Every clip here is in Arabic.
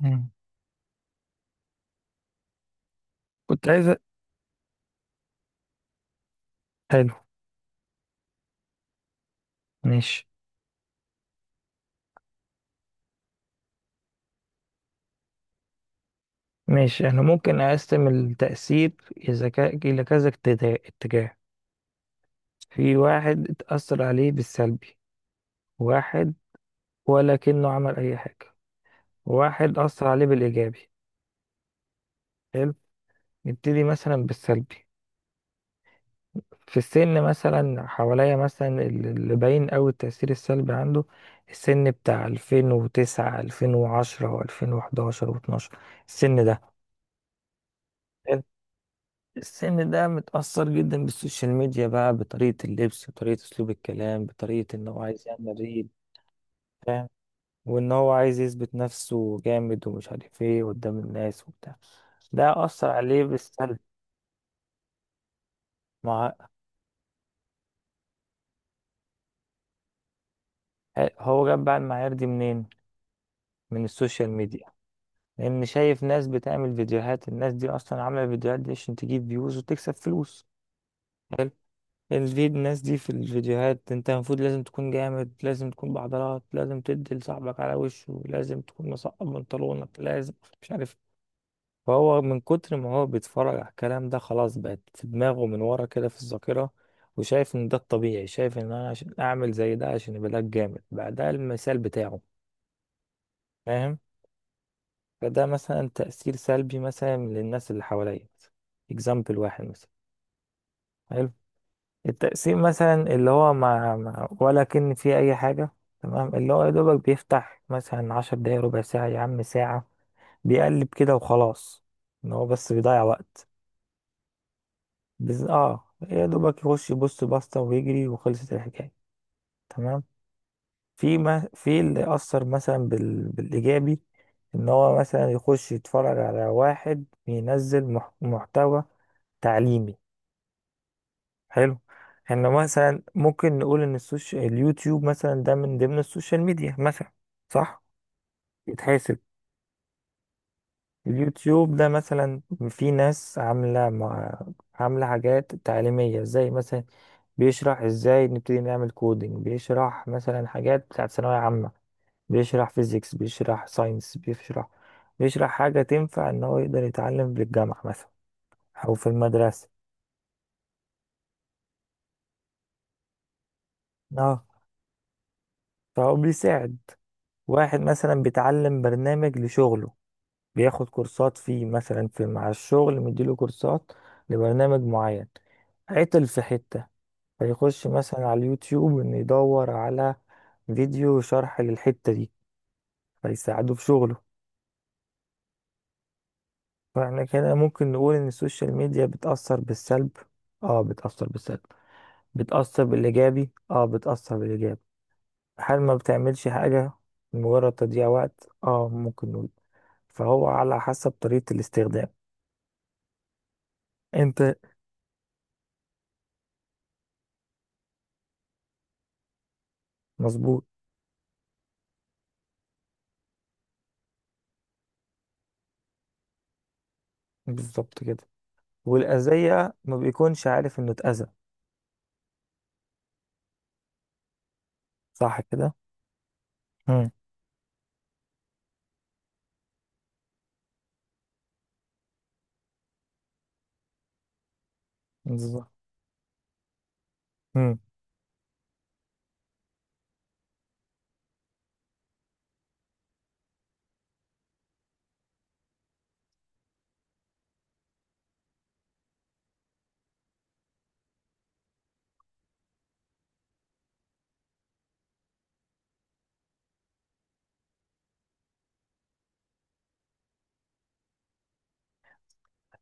مم. كنت عايز أ- حلو. ماشي. ماشي، احنا ممكن اقسم التأثير إذا إلى كذا اتجاه. في واحد اتأثر عليه بالسلبي، واحد، ولكنه عمل أي حاجة. واحد أثر عليه بالإيجابي. حلو. نبتدي مثلا بالسلبي. في السن مثلا حواليا، مثلا اللي باين أوي التأثير السلبي عنده، السن بتاع 2009، 2010 و2011 و12. السن ده السن ده متأثر جدا بالسوشيال ميديا بقى، بطريقة اللبس، بطريقة أسلوب الكلام، بطريقة إن هو عايز يعمل ريل. فاهم. وإن هو عايز يثبت نفسه جامد ومش عارف إيه قدام الناس وبتاع. ده أثر عليه بالسلب. مع. هو جاب بقى المعايير دي منين؟ من السوشيال ميديا. لأن شايف ناس بتعمل فيديوهات، الناس دي أصلا عاملة الفيديوهات دي عشان تجيب فيوز وتكسب فلوس. حلو. دي الناس دي في الفيديوهات، انت المفروض لازم تكون جامد، لازم تكون بعضلات، لازم تدي لصاحبك على وشه، لازم تكون مسقط بنطلونك، لازم مش عارف. فهو من كتر ما هو بيتفرج على الكلام ده، خلاص بقت في دماغه من ورا كده في الذاكرة. وشايف ان ده الطبيعي، شايف ان انا عشان اعمل زي ده، عشان يبقى ده الجامد بقى، ده المثال بتاعه. فاهم. فده مثلا تأثير سلبي مثلا للناس اللي حواليا. اكزامبل واحد مثلا. حلو؟ التقسيم مثلا اللي هو ولا كأن فيه أي حاجة. تمام اللي هو يا دوبك بيفتح مثلا 10 دقايق، ربع ساعة، يا عم ساعة، بيقلب كده وخلاص. إن هو بس بيضيع وقت. اه، يا دوبك يخش يبص باستا ويجري وخلصت الحكاية. تمام. في ما في اللي أثر مثلا بالإيجابي. إن هو مثلا يخش يتفرج على واحد بينزل محتوى تعليمي. حلو. احنا مثلا ممكن نقول ان السوشيال، اليوتيوب مثلا ده من ضمن السوشيال ميديا مثلا. صح. يتحاسب. اليوتيوب ده مثلا، في ناس عاملة عاملة حاجات تعليمية، زي مثلا بيشرح ازاي نبتدي نعمل كودينج، بيشرح مثلا حاجات بتاعت ثانوية عامة، بيشرح فيزيكس، بيشرح ساينس، بيشرح. بيشرح حاجة تنفع ان هو يقدر يتعلم في الجامعة مثلا او في المدرسة. اه. فهو بيساعد. واحد مثلا بيتعلم برنامج لشغله، بياخد كورسات فيه، مثلا في مع الشغل مديله كورسات لبرنامج معين. عطل في حتة، فيخش مثلا على اليوتيوب إنه يدور على فيديو شرح للحتة دي، فيساعده في شغله. فاحنا كده ممكن نقول إن السوشيال ميديا بتأثر بالسلب، اه بتأثر بالسلب. بتأثر بالإيجابي، اه بتأثر بالإيجابي. هل ما بتعملش حاجة، مجرد تضييع وقت؟ اه ممكن نقول. فهو على حسب طريقة الاستخدام. انت. مظبوط. بالظبط كده. والأذية ما بيكونش عارف إنه اتأذى. صح كده؟ مم. بالظبط. مم.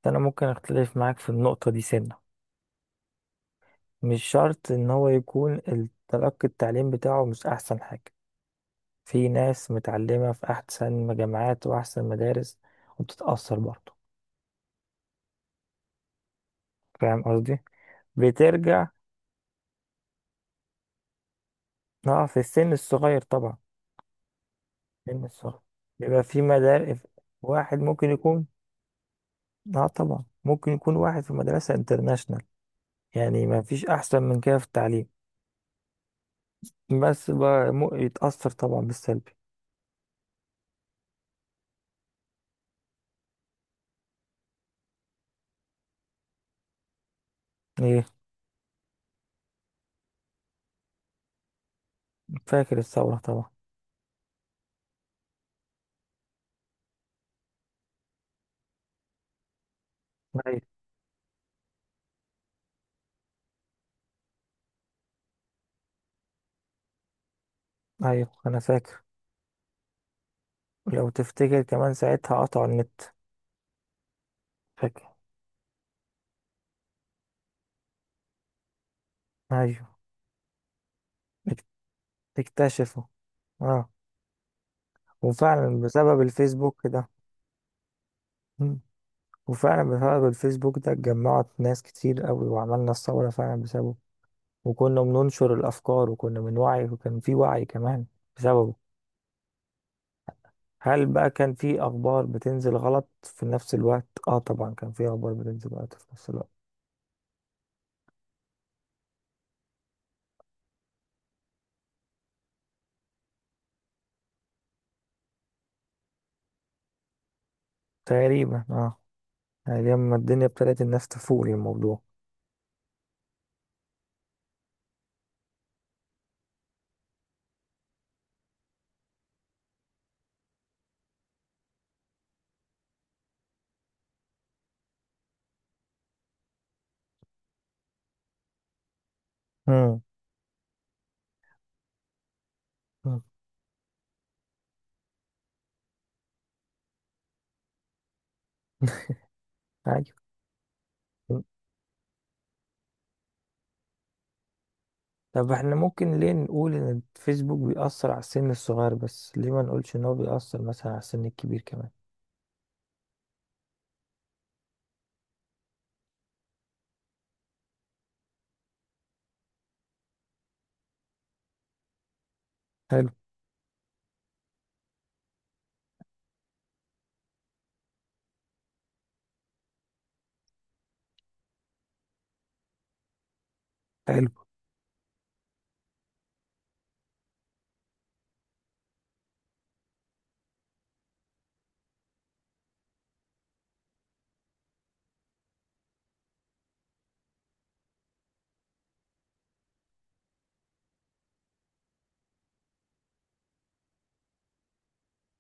أنا ممكن أختلف معاك في النقطة دي سنة. مش شرط إن هو يكون تلقي التعليم بتاعه مش أحسن حاجة. في ناس متعلمة في أحسن جامعات وأحسن مدارس، وبتتأثر برضه. فاهم قصدي؟ بترجع. اه في السن الصغير طبعا. السن الصغير بيبقى في مدارس. واحد ممكن يكون، اه طبعا ممكن يكون واحد في مدرسة انترناشونال، يعني ما فيش أحسن من كده في التعليم. بس بقى يتأثر طبعا بالسلبي. ايه. فاكر الثورة طبعا. ايوه. ايوه انا فاكر. لو تفتكر كمان ساعتها قطعوا النت. فاكر. ايوه. اك- اكتشفوا. اه. وفعلا بسبب الفيسبوك ده. مم. وفعلا بسبب الفيسبوك ده اتجمعت ناس كتير قوي، وعملنا الثورة فعلا بسببه. وكنا بننشر الأفكار، وكنا بنوعي، وكان في وعي كمان بسببه. هل بقى كان في أخبار بتنزل غلط في نفس الوقت؟ اه طبعا كان في أخبار بتنزل غلط في نفس الوقت. تقريبا اه. يعني لما الدنيا ابتدت الناس تفوق للموضوع. امم. عادي. طب احنا ممكن ليه نقول ان الفيسبوك بيأثر على السن الصغير بس، ليه ما نقولش ان هو بيأثر مثلا على السن الكبير كمان. حلو. حلو.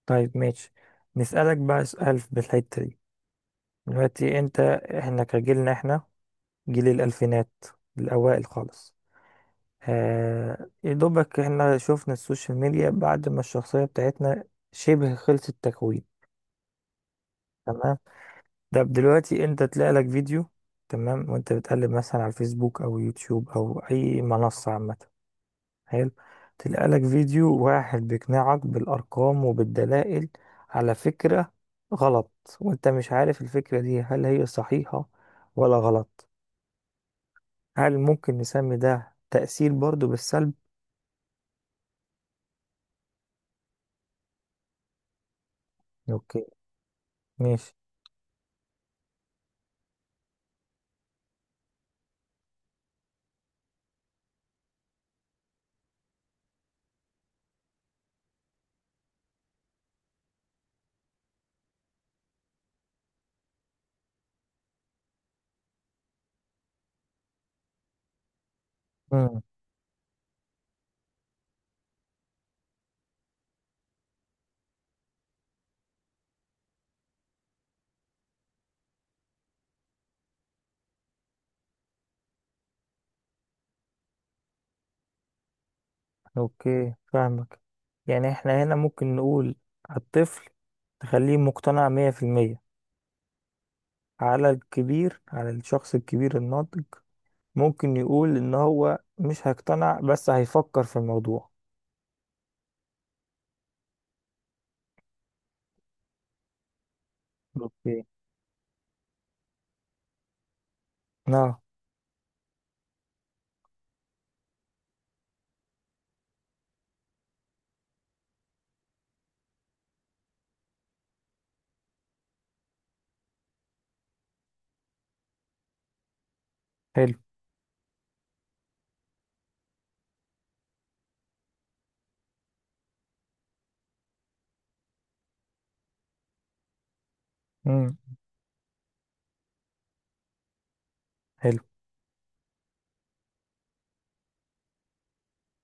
طيب ماشي. نسألك بقى سؤال في الحتة دي. دلوقتي انت، احنا كجيلنا، احنا جيل الألفينات الأوائل خالص. آه يا دوبك احنا شفنا السوشيال ميديا بعد ما الشخصية بتاعتنا شبه خلصت تكوين. تمام. ده دلوقتي انت تلاقي لك فيديو، تمام، وانت بتقلب مثلا على الفيسبوك او يوتيوب او اي منصة عامة. حلو. تلاقي لك فيديو واحد بيقنعك بالارقام وبالدلائل على فكرة غلط، وانت مش عارف الفكرة دي هل هي صحيحة ولا غلط. هل ممكن نسمي ده تأثير برضو بالسلب؟ اوكي. ماشي. امم. اوكي فاهمك. يعني احنا هنا ممكن نقول الطفل تخليه مقتنع 100%. على الكبير، على الشخص الكبير الناضج، ممكن يقول ان هو مش هيقتنع بس هيفكر في الموضوع. اوكي. اه. حلو. امم. حلو.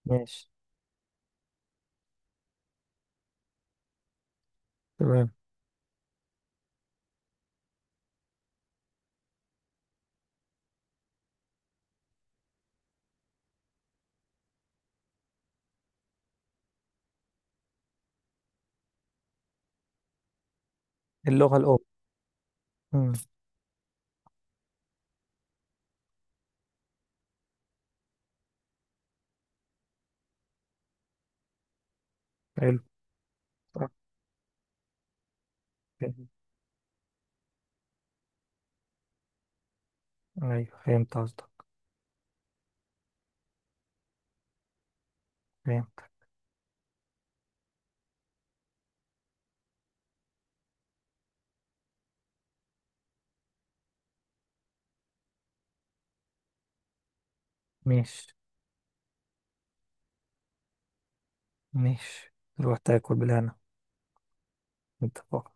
ماشي. تمام. اللغة الأم. امم. حلو. صح كده. ايوه فهمت قصدك. فهمت. ماشي. ماشي. روح تاكل بالهنا. انت فقط.